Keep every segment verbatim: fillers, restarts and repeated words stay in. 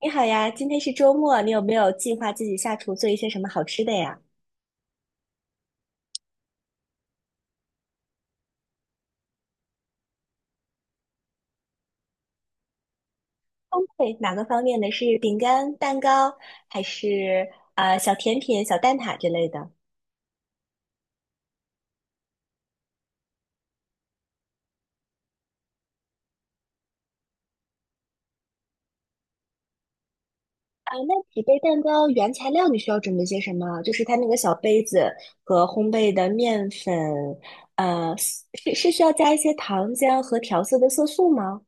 你好呀，今天是周末，你有没有计划自己下厨做一些什么好吃的呀？烘焙哪个方面的？是饼干、蛋糕，还是呃小甜品、小蛋挞之类的？啊，那几杯蛋糕原材料你需要准备些什么？就是它那个小杯子和烘焙的面粉，呃，是是需要加一些糖浆和调色的色素吗？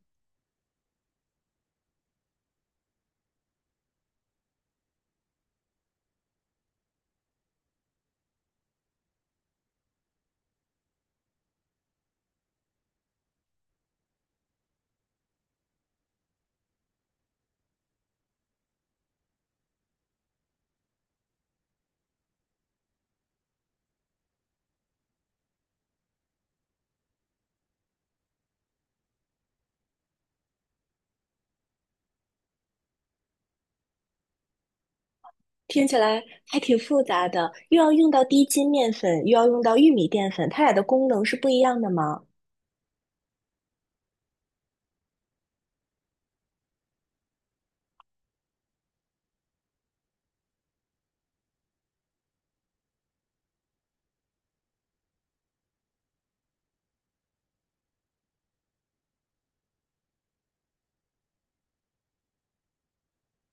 听起来还挺复杂的，又要用到低筋面粉，又要用到玉米淀粉，它俩的功能是不一样的吗？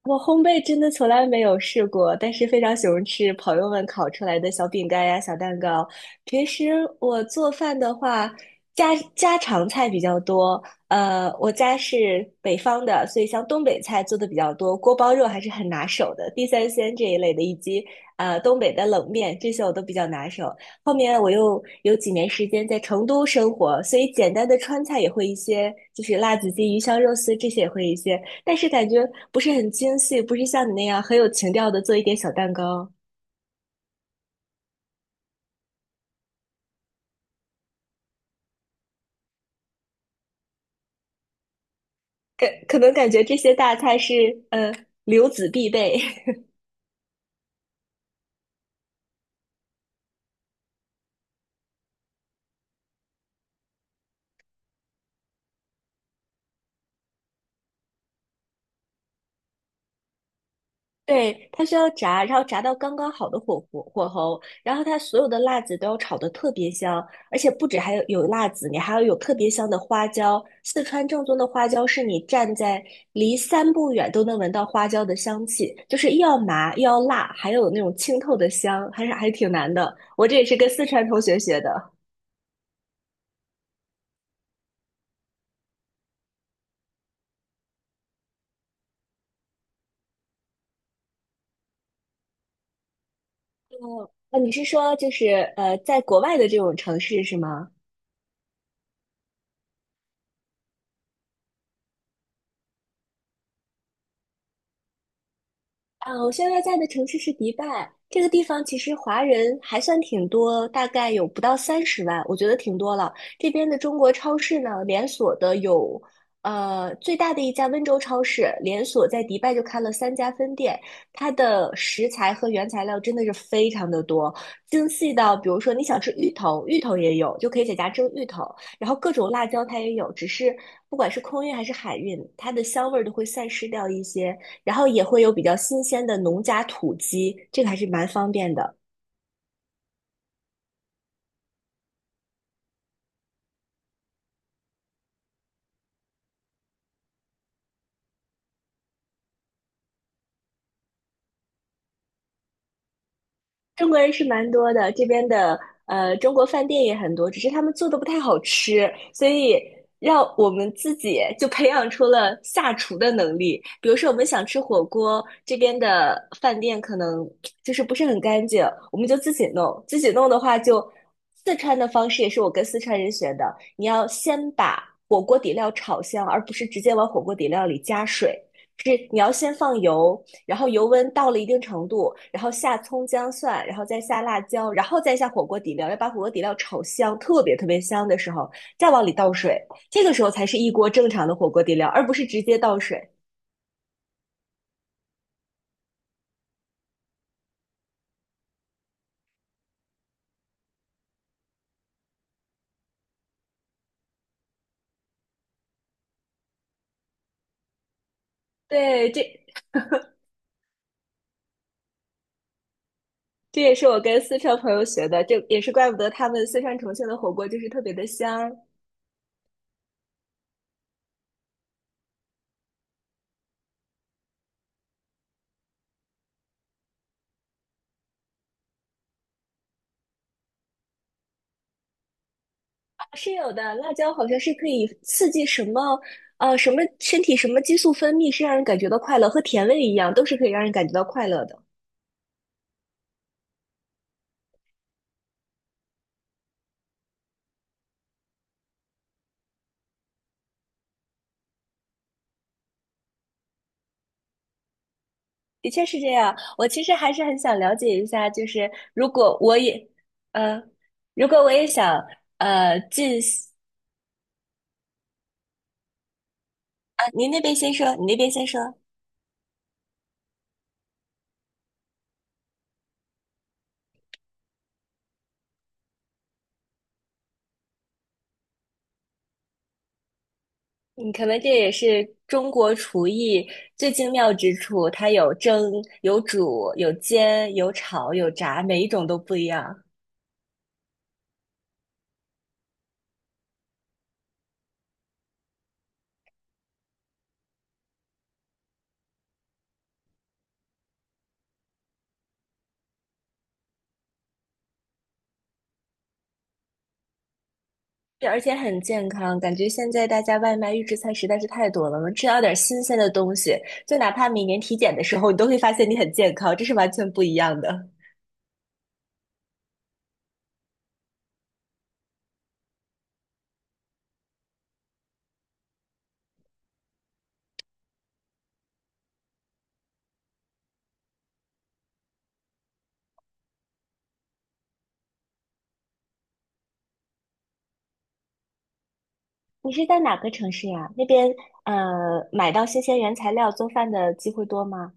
我烘焙真的从来没有试过，但是非常喜欢吃朋友们烤出来的小饼干呀、小蛋糕。平时我做饭的话，家家常菜比较多。呃，我家是北方的，所以像东北菜做的比较多，锅包肉还是很拿手的，地三鲜这一类的，以及呃东北的冷面，这些我都比较拿手。后面我又有几年时间在成都生活，所以简单的川菜也会一些，就是辣子鸡、鱼香肉丝这些也会一些。但是感觉不是很精细，不是像你那样很有情调的做一点小蛋糕。感可能感觉这些大菜是呃留子必备。对，它需要炸，然后炸到刚刚好的火火火候，然后它所有的辣子都要炒得特别香，而且不止还有有辣子，你还要有特别香的花椒。四川正宗的花椒是你站在离三步远都能闻到花椒的香气，就是又要麻又要辣，还有那种清透的香，还是还挺难的。我这也是跟四川同学学的。啊，你是说就是呃，在国外的这种城市是吗？啊，我现在在的城市是迪拜，这个地方其实华人还算挺多，大概有不到三十万，我觉得挺多了。这边的中国超市呢，连锁的有，呃，最大的一家温州超市连锁在迪拜就开了三家分店，它的食材和原材料真的是非常的多，精细到比如说你想吃芋头，芋头也有，就可以在家蒸芋头，然后各种辣椒它也有，只是不管是空运还是海运，它的香味儿都会散失掉一些。然后也会有比较新鲜的农家土鸡，这个还是蛮方便的。中国人是蛮多的，这边的呃中国饭店也很多，只是他们做的不太好吃，所以让我们自己就培养出了下厨的能力。比如说，我们想吃火锅，这边的饭店可能就是不是很干净，我们就自己弄。自己弄的话就，四川的方式也是我跟四川人学的，你要先把火锅底料炒香，而不是直接往火锅底料里加水。是你要先放油，然后油温到了一定程度，然后下葱姜蒜，然后再下辣椒，然后再下火锅底料，要把火锅底料炒香，特别特别香的时候，再往里倒水，这个时候才是一锅正常的火锅底料，而不是直接倒水。对，这这也是我跟四川朋友学的，这也是怪不得他们四川重庆的火锅就是特别的香。啊，是有的，辣椒好像是可以刺激什么。呃，什么身体什么激素分泌是让人感觉到快乐，和甜味一样，都是可以让人感觉到快乐的。的确是这样。我其实还是很想了解一下，就是如果我也，呃，如果我也想，呃，进行啊，您那边先说，你那边先说。嗯，可能这也是中国厨艺最精妙之处，它有蒸、有煮、有煎、有炒、有炸，每一种都不一样。对，而且很健康。感觉现在大家外卖预制菜实在是太多了，能吃到点新鲜的东西，就哪怕每年体检的时候，你都会发现你很健康，这是完全不一样的。你是在哪个城市呀？那边呃，买到新鲜原材料做饭的机会多吗？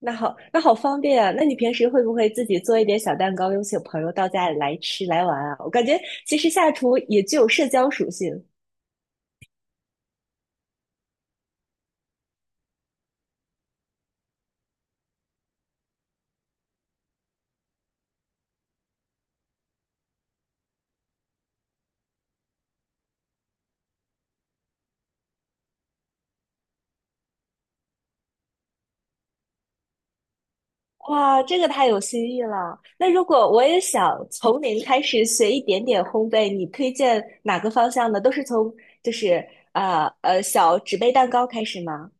那好，那好方便啊！那你平时会不会自己做一点小蛋糕，邀请朋友到家里来吃来玩啊？我感觉其实下厨也具有社交属性。哇，这个太有新意了！那如果我也想从零开始学一点点烘焙，你推荐哪个方向呢？都是从就是呃呃小纸杯蛋糕开始吗？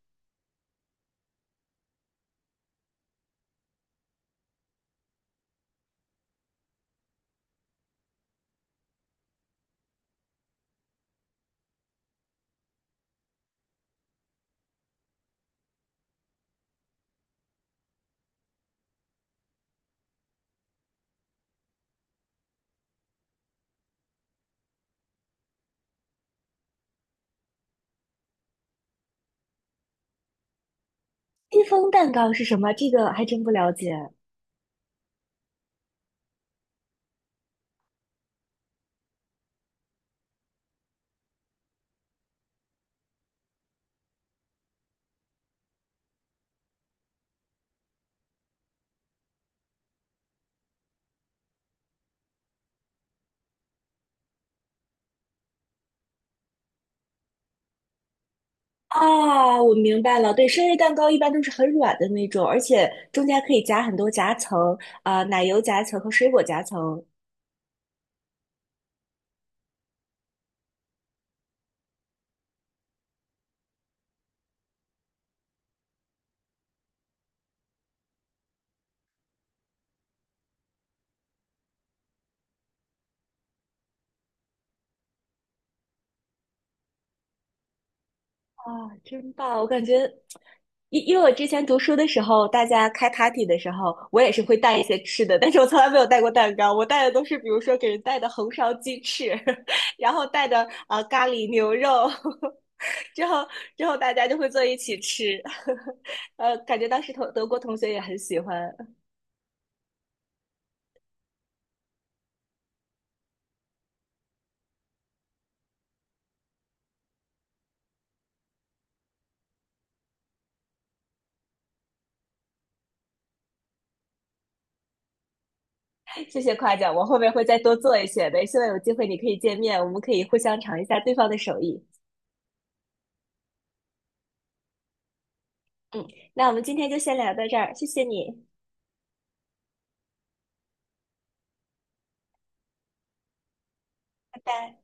戚风蛋糕是什么？这个还真不了解。啊，我明白了。对，生日蛋糕一般都是很软的那种，而且中间可以夹很多夹层，啊、奶油夹层和水果夹层。啊，真棒！我感觉，因因为我之前读书的时候，大家开 party 的时候，我也是会带一些吃的，但是我从来没有带过蛋糕，我带的都是比如说给人带的红烧鸡翅，然后带的啊、呃咖喱牛肉，之后之后大家就会坐一起吃，呃，感觉当时同德国同学也很喜欢。谢谢夸奖，我后面会再多做一些的。希望有机会你可以见面，我们可以互相尝一下对方的手艺。嗯，那我们今天就先聊到这儿，谢谢你，拜拜。